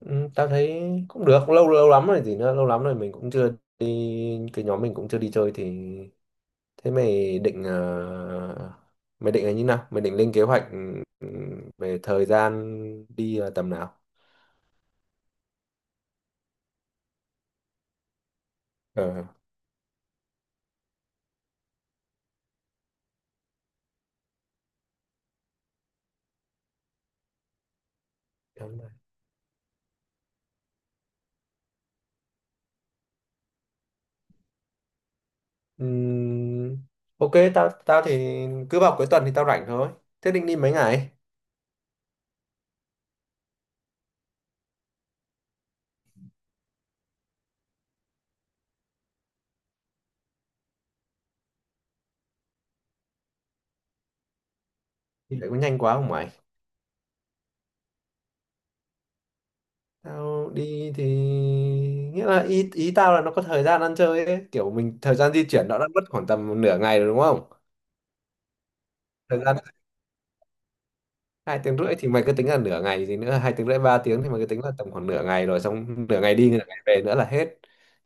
Ừ, tao thấy cũng được. Lâu lâu lắm rồi gì nữa, lâu lắm rồi mình cũng chưa đi, cái nhóm mình cũng chưa đi chơi thì. Thế mày định, mày định là như nào, mày định lên kế hoạch, ừ, về thời gian đi là tầm nào? ờ Đúng rồi. Ừm, ok, tao tao thì cứ vào cuối tuần thì tao rảnh thôi. Thế định đi mấy ngày? Thì lại có nhanh quá không mày? Tao đi thì nghĩa là, ý ý tao là nó có thời gian ăn chơi ấy, kiểu mình thời gian di chuyển nó đã mất khoảng tầm nửa ngày rồi đúng không. Thời gian hai tiếng rưỡi thì mày cứ tính là nửa ngày gì nữa, hai tiếng rưỡi 3 tiếng thì mày cứ tính là tầm khoảng nửa ngày rồi, xong nửa ngày đi nửa ngày về nữa là hết.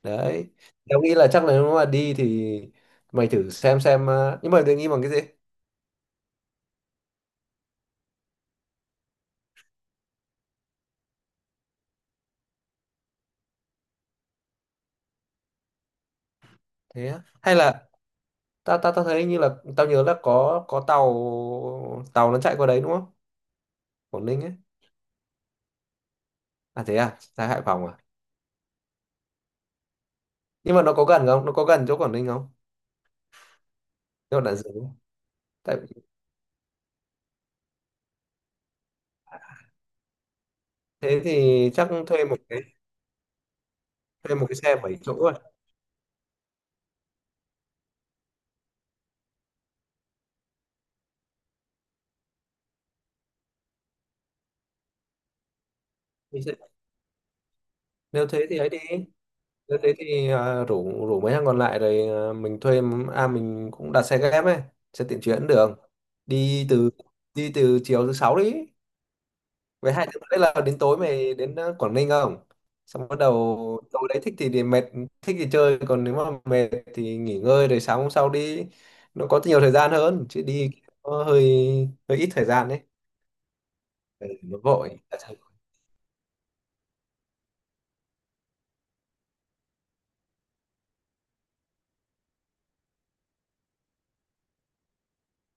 Đấy, tao nghĩ là chắc là nếu mà đi thì mày thử xem, nhưng mà định nghĩ bằng cái gì. Thế á? Hay là tao tao tao thấy như là tao nhớ là có tàu tàu nó chạy qua đấy đúng không, Quảng Ninh ấy? À thế à, ra Hải Phòng à? Nhưng mà nó có gần không, nó có gần chỗ Quảng Ninh không, chỗ Đạn Dược không? Tại, thế thì chắc thuê một cái, thuê một cái xe 7 chỗ rồi. Đi xe- Nếu thế thì ấy đi. Thế thế thì à, rủ rủ mấy thằng còn lại rồi, à, mình thuê, à mình cũng đặt xe ghép ấy, xe tiện chuyến được. Đi từ, đi từ chiều thứ sáu đi. Với hai đứa đấy là đến tối mày đến, à, Quảng Ninh không? Xong bắt đầu tối đấy thích thì mệt, thích thì chơi, còn nếu mà mệt thì nghỉ ngơi rồi sáng hôm sau đi. Nó có nhiều thời gian hơn, chứ đi nó hơi hơi ít thời gian đấy. Ừ, nó vội.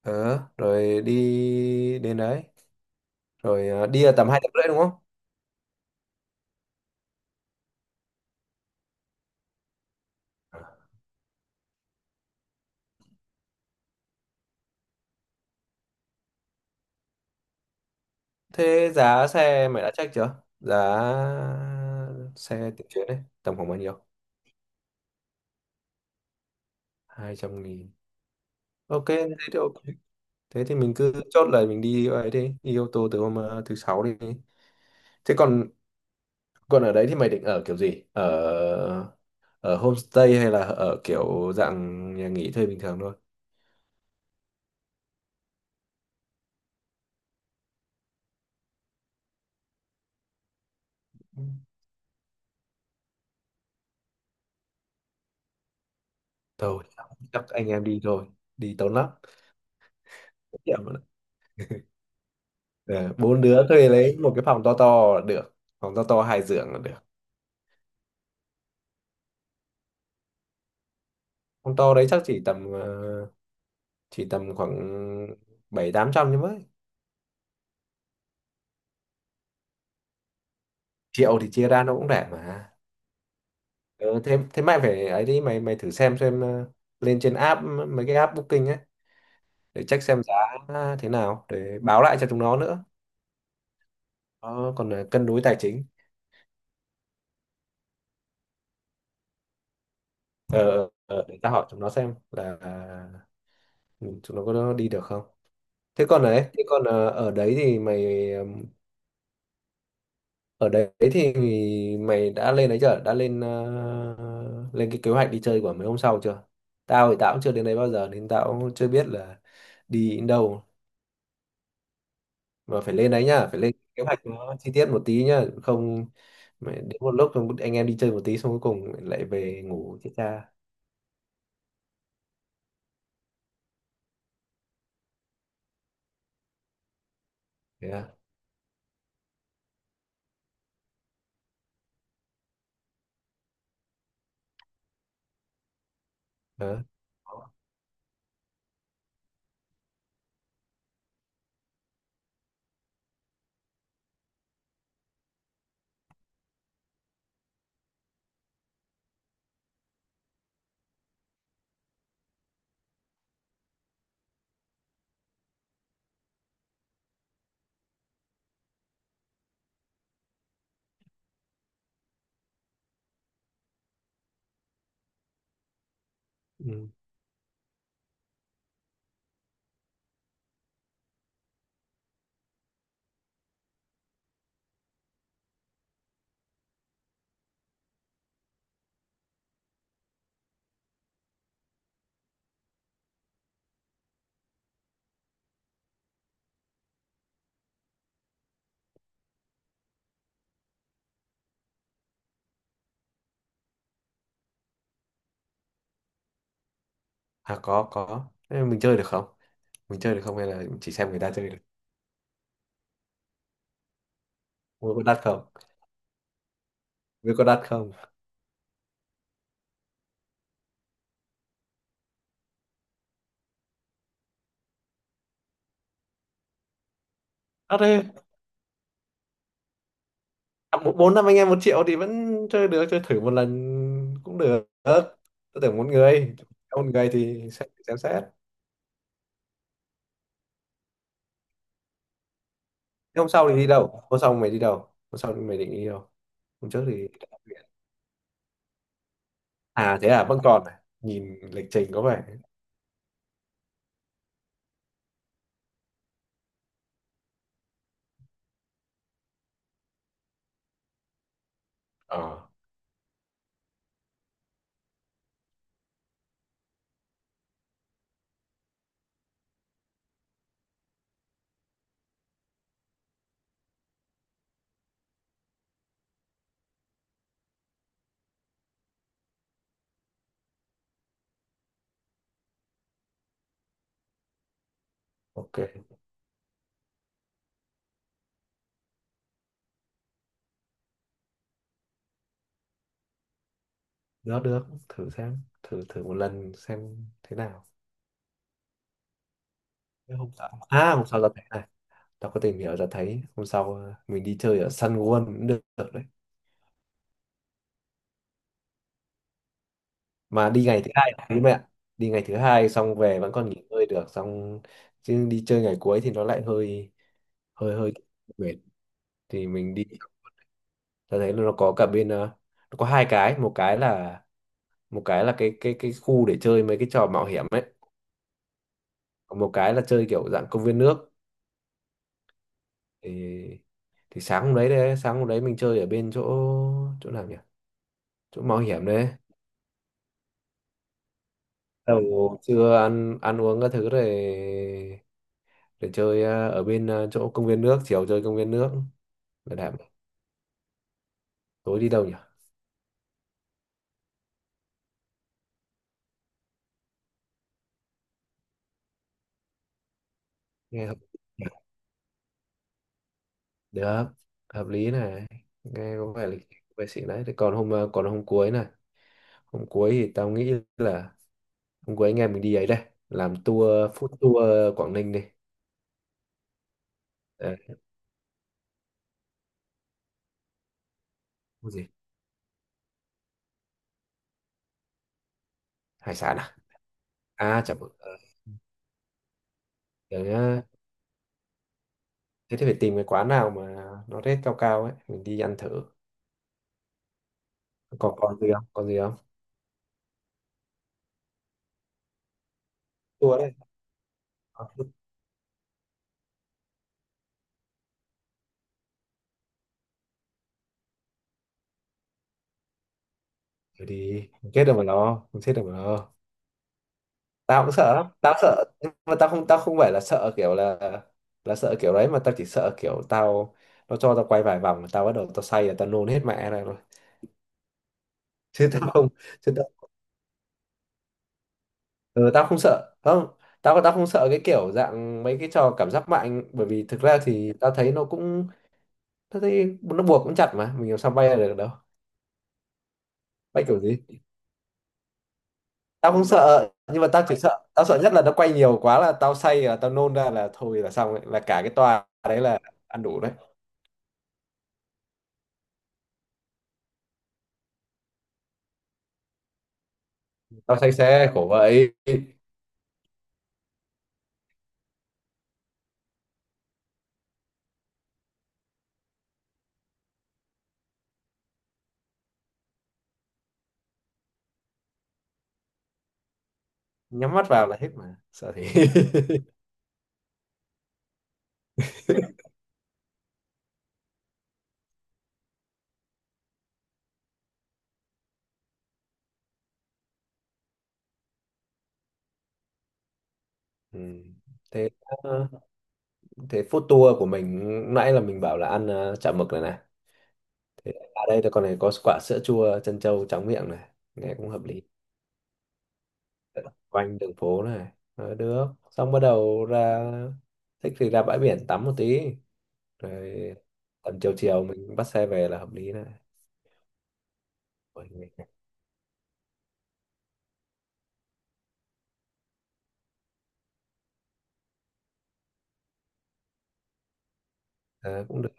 Ờ, rồi đi đến đấy, rồi à, đi là tầm 2 tiếng rưỡi đúng không? À. Thế giá xe mày đã check chưa? Giá xe tự chuyển đấy, tầm khoảng bao nhiêu? 200.000. Ok. Thế thì mình cứ chốt, lời mình đi ấy đi, đi ô tô từ hôm, thứ sáu đi. Thế còn, còn ở đấy thì mày định ở kiểu gì? Ở ở homestay hay là ở kiểu dạng nhà nghỉ thuê bình thường thôi? Thôi, chắc anh em đi thôi, đi tốn lắm. Tiệm mà. Ờ, bốn đứa thuê lấy một cái phòng to to là được, phòng to to hai giường là được. Phòng to đấy chắc chỉ tầm, thì tầm khoảng bảy tám trăm, nhưng mới triệu thì chia ra nó cũng rẻ mà. Ừ, thế thế mày phải ấy đi, mày mày thử xem, lên trên app, mấy cái app booking ấy để check xem giá thế nào để báo lại cho chúng nó nữa. Ờ, còn là cân đối tài chính. Ờ, để ta hỏi chúng nó xem là, ừ, chúng nó có đi được không. Thế còn đấy, thế còn, ở đấy thì mày, ở đấy thì mày đã lên đấy chưa, đã lên, lên cái kế hoạch đi chơi của mấy hôm sau chưa. Tao thì tao cũng chưa đến đấy bao giờ nên tao cũng chưa biết là đi đến đâu, mà phải lên đấy nhá, phải lên kế hoạch nó chi tiết một tí nhá, không mày đến một lúc không anh em đi chơi một tí xong cuối cùng lại về ngủ chết cha. Thế à. Đó. Ừ. À, có có. Thế mình chơi được không, mình chơi được không hay là chỉ xem người ta chơi được? Mua có đắt không? Mua có đắt không? Đắt đi. À, bốn năm anh em 1 triệu thì vẫn chơi được, chơi thử một lần cũng được. Tôi tưởng một người, một người thì sẽ xem xét. Thế hôm sau thì đi đâu, hôm sau mày đi đâu, hôm sau mày định đi đâu? Hôm trước thì, à thế à, vẫn còn à? Nhìn lịch trình có vẻ. ờ ok, được, được thử xem, thử thử một lần xem thế nào. Thế hôm sau, à hôm sau ra thấy này, tao có tìm hiểu ra thấy hôm sau, mình đi chơi ở Sun World cũng được, được đấy. Mà đi ngày thứ hai đấy mẹ ạ. Đi ngày thứ hai xong về vẫn còn nghỉ ngơi được xong, chứ đi chơi ngày cuối thì nó lại hơi hơi hơi mệt. Thì mình đi, ta thấy là nó có cả bên, nó có hai cái, một cái là, một cái là cái khu để chơi mấy cái trò mạo hiểm ấy, còn một cái là chơi kiểu dạng công viên nước. Thì thì sáng hôm đấy, đấy sáng hôm đấy mình chơi ở bên chỗ, chỗ nào nhỉ, chỗ mạo hiểm đấy. Đầu trưa ăn ăn uống các thứ rồi để chơi, ở bên, chỗ công viên nước, chiều chơi công viên nước. Bảo đảm. Tối đi đâu nhỉ? Nghe hợp, được, hợp lý này, nghe có vẻ lịch vệ sĩ đấy. Thế còn hôm, còn hôm cuối này, hôm cuối thì tao nghĩ là hôm cuối anh em mình đi ấy đây, làm tour, food tour Quảng Ninh đi. Ờ, cái gì, hải sản à, à chả bự. Ờ, để nhá. Thế thì phải tìm cái quán nào mà nó rate cao cao ấy mình đi ăn thử. Còn, còn gì không, còn gì không? Tour đấy. Ờ, thử đi không chết đâu mà lo, không chết đâu mà lo. Tao cũng sợ lắm tao sợ, nhưng mà tao không, tao không phải là sợ kiểu là sợ kiểu đấy, mà tao chỉ sợ kiểu tao, nó cho tao quay vài vòng mà tao bắt đầu tao say là tao nôn hết mẹ này rồi. Chứ tao không, chứ tao, ừ, tao không sợ, không, tao tao không sợ cái kiểu dạng mấy cái trò cảm giác mạnh, bởi vì thực ra thì tao thấy nó cũng, tao thấy nó buộc cũng chặt mà mình làm sao bay ra được đâu, bay kiểu gì. Tao không sợ nhưng mà tao chỉ sợ, tao sợ nhất là nó quay nhiều quá là tao say là tao nôn ra là thôi là xong ấy, là cả cái tòa đấy là ăn đủ đấy. Tao say xe khổ vậy. Nhắm mắt vào là hết mà sợ thế. Ừ. Thế, ờ, thế food tour của mình lúc nãy là mình bảo là ăn, chả mực này này, thế ở đây thì con này có quả sữa chua trân châu tráng miệng này, nghe cũng hợp lý, quanh đường phố này. Ờ, được xong bắt đầu ra, thích thì ra bãi biển tắm một tí, rồi tầm chiều chiều mình bắt xe về là hợp lý này. Ôi, mình-. Ờ, Cũng được,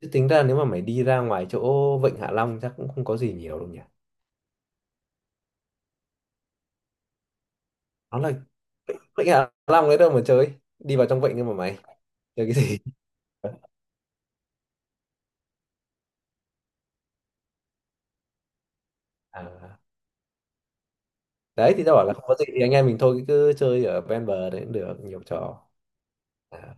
chứ tính ra nếu mà mày đi ra ngoài chỗ Vịnh Hạ Long chắc cũng không có gì nhiều đâu nhỉ. Nó là Vịnh Hạ Long đấy đâu mà chơi, đi vào trong vịnh nhưng mà mày chơi cái gì? À, đấy thì tao bảo là không có gì thì anh em mình thôi cứ chơi ở ven bờ đấy cũng được nhiều trò. À,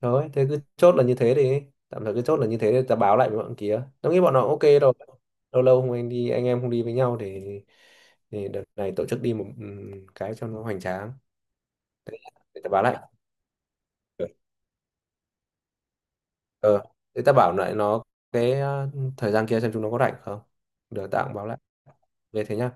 thôi thế cứ chốt là như thế đi, tạm thời cứ chốt là như thế để tao báo lại với bọn kia, tao nghĩ bọn nó ok rồi. Lâu lâu không anh đi anh em không đi với nhau thì đợt này tổ chức đi một, cái cho nó hoành tráng. Để tao báo lại. ờ Thế tao bảo lại nó cái, thời gian kia xem chúng nó có rảnh không, được tao cũng báo lại về thế nhá.